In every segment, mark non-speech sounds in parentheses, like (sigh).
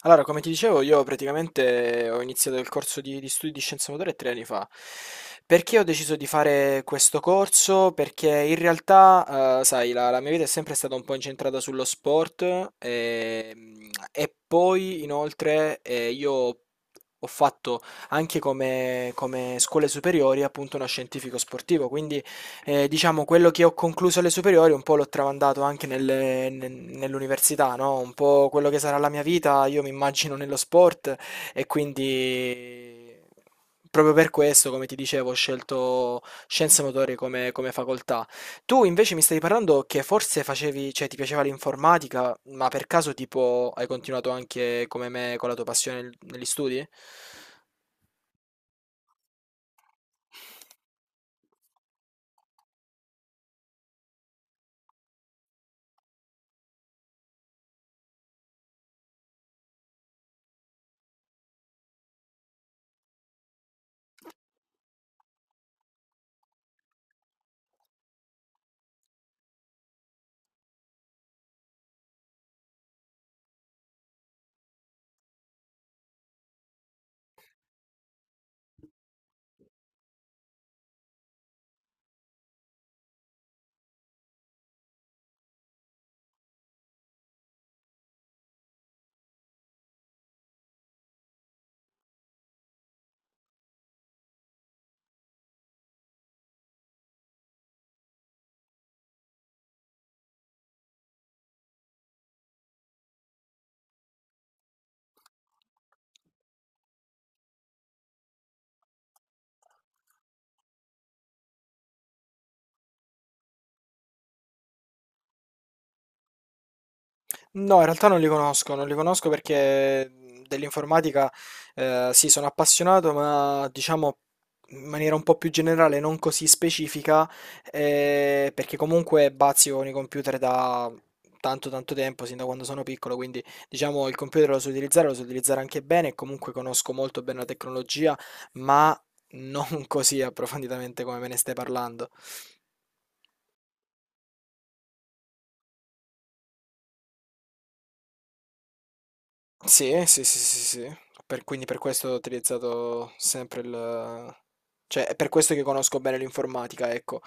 Allora, come ti dicevo, io praticamente ho iniziato il corso di studi di scienze motorie tre anni fa. Perché ho deciso di fare questo corso? Perché in realtà, sai, la mia vita è sempre stata un po' incentrata sullo sport e poi, inoltre, io ho fatto anche come scuole superiori appunto uno scientifico sportivo, quindi diciamo, quello che ho concluso alle superiori un po' l'ho tramandato anche nell'università, no? Un po' quello che sarà la mia vita, io mi immagino nello sport e quindi proprio per questo, come ti dicevo, ho scelto scienze motorie come facoltà. Tu invece mi stavi parlando che forse facevi, cioè ti piaceva l'informatica, ma per caso tipo hai continuato anche come me con la tua passione negli studi? No, in realtà non li conosco, non li conosco perché dell'informatica sì, sono appassionato, ma diciamo in maniera un po' più generale, non così specifica, perché comunque bazzico con i computer da tanto tanto tempo, sin da quando sono piccolo, quindi diciamo il computer lo so utilizzare anche bene, e comunque conosco molto bene la tecnologia, ma non (laughs) così approfonditamente come me ne stai parlando. Sì, sì, sì, sì, sì. Per- quindi per questo ho utilizzato sempre il... Cioè, è per questo che conosco bene l'informatica, ecco.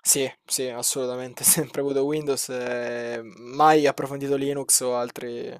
Sì, sì, assolutamente. (laughs) Sempre avuto Windows e mai approfondito Linux o altri.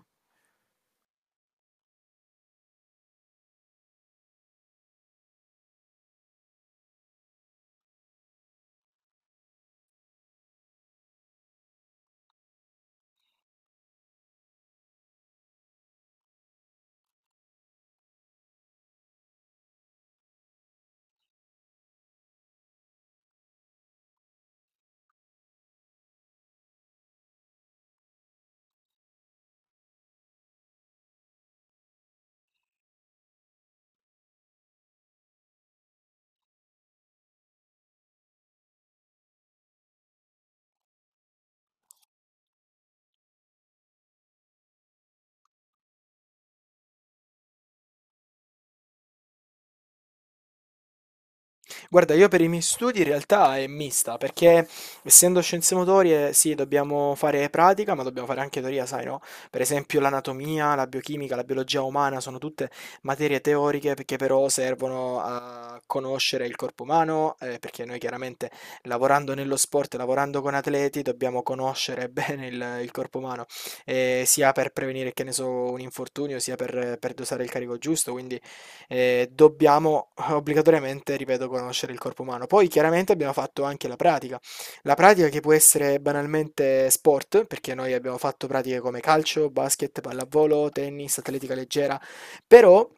Guarda, io per i miei studi in realtà è mista, perché essendo scienze motorie, sì, dobbiamo fare pratica, ma dobbiamo fare anche teoria, sai, no? Per esempio l'anatomia, la biochimica, la biologia umana sono tutte materie teoriche perché però servono a conoscere il corpo umano, perché noi chiaramente lavorando nello sport, lavorando con atleti, dobbiamo conoscere (laughs) bene il corpo umano, sia per prevenire, che ne so, un infortunio, sia per dosare il carico giusto, quindi dobbiamo obbligatoriamente, ripeto, conoscere il corpo umano. Poi chiaramente abbiamo fatto anche la pratica che può essere banalmente sport, perché noi abbiamo fatto pratiche come calcio, basket, pallavolo, tennis, atletica leggera, però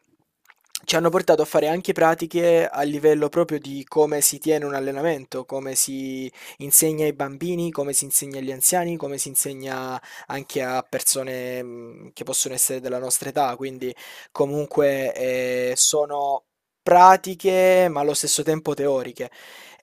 ci hanno portato a fare anche pratiche a livello proprio di come si tiene un allenamento, come si insegna ai bambini, come si insegna agli anziani, come si insegna anche a persone che possono essere della nostra età, quindi comunque sono pratiche ma allo stesso tempo teoriche.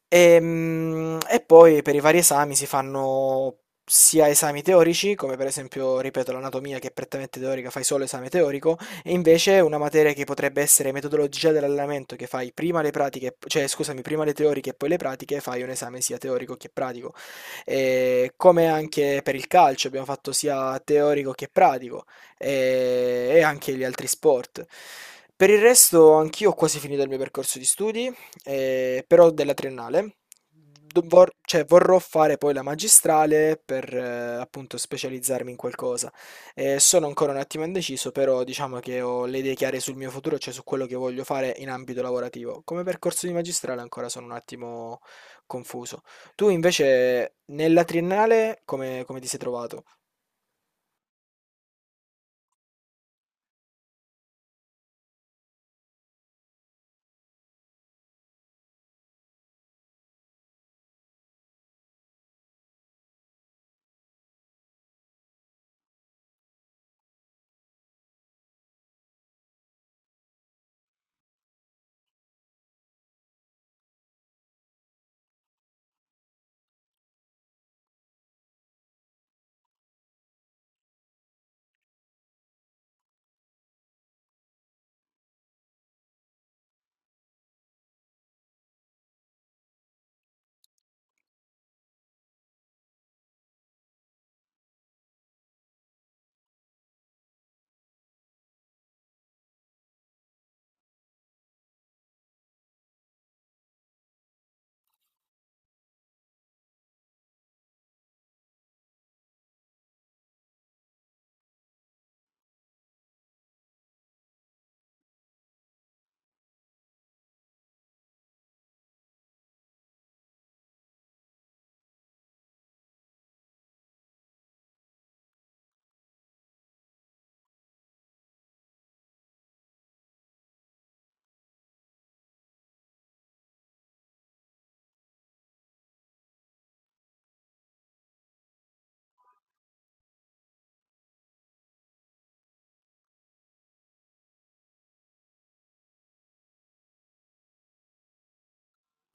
E, mm, e poi per i vari esami si fanno sia esami teorici, come per esempio, ripeto, l'anatomia che è prettamente teorica, fai solo esame teorico, e invece una materia che potrebbe essere metodologia dell'allenamento, che fai prima le pratiche, cioè scusami, prima le teoriche e poi le pratiche, fai un esame sia teorico che pratico. E come anche per il calcio, abbiamo fatto sia teorico che pratico e anche gli altri sport. Per il resto, anch'io ho quasi finito il mio percorso di studi, però della triennale. Cioè, vorrò fare poi la magistrale per appunto specializzarmi in qualcosa. Sono ancora un attimo indeciso, però diciamo che ho le idee chiare sul mio futuro, cioè su quello che voglio fare in ambito lavorativo. Come percorso di magistrale ancora sono un attimo confuso. Tu invece nella triennale come ti sei trovato?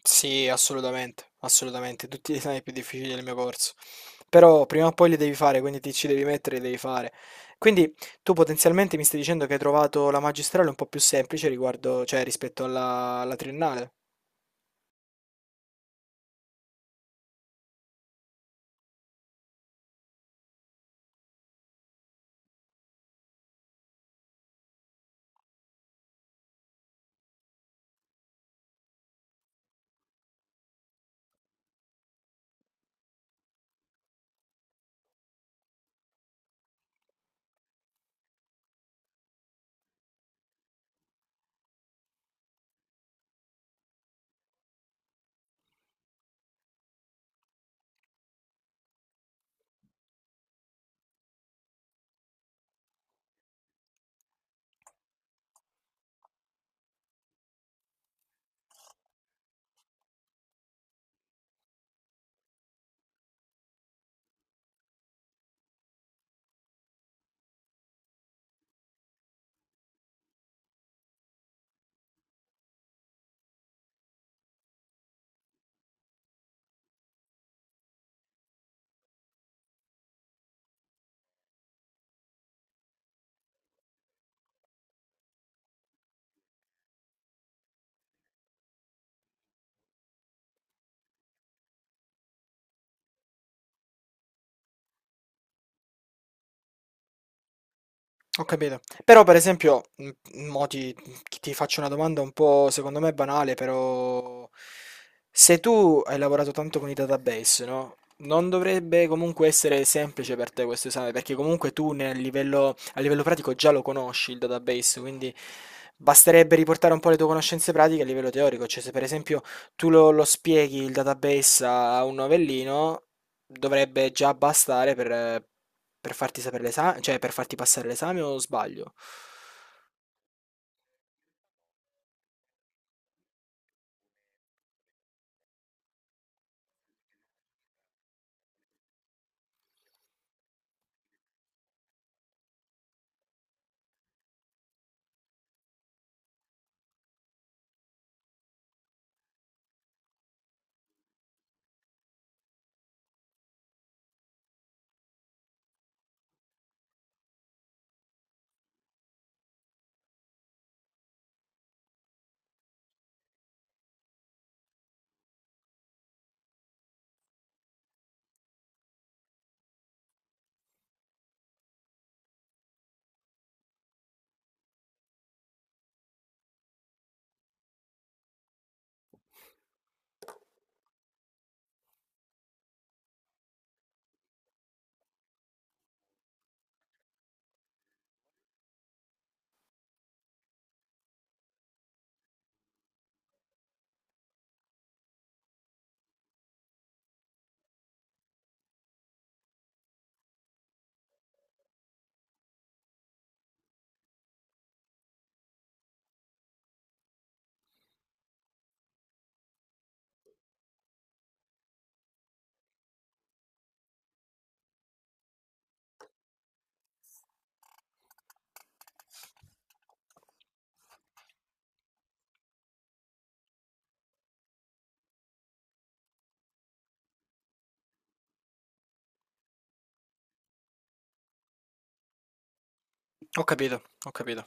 Sì, assolutamente, assolutamente, tutti gli esami più difficili del mio corso. Però prima o poi li devi fare, quindi ti ci devi mettere, li devi fare. Quindi tu potenzialmente mi stai dicendo che hai trovato la magistrale un po' più semplice riguardo, cioè rispetto alla triennale. Ho capito. Però per esempio, mo ti, ti faccio una domanda un po' secondo me banale, però se tu hai lavorato tanto con i database, no? Non dovrebbe comunque essere semplice per te questo esame, perché comunque tu nel livello, a livello pratico già lo conosci il database, quindi basterebbe riportare un po' le tue conoscenze pratiche a livello teorico, cioè se per esempio tu lo spieghi il database a un novellino, dovrebbe già bastare per farti sapere l'esame, cioè per farti passare l'esame o sbaglio? Ho capito, ho capito.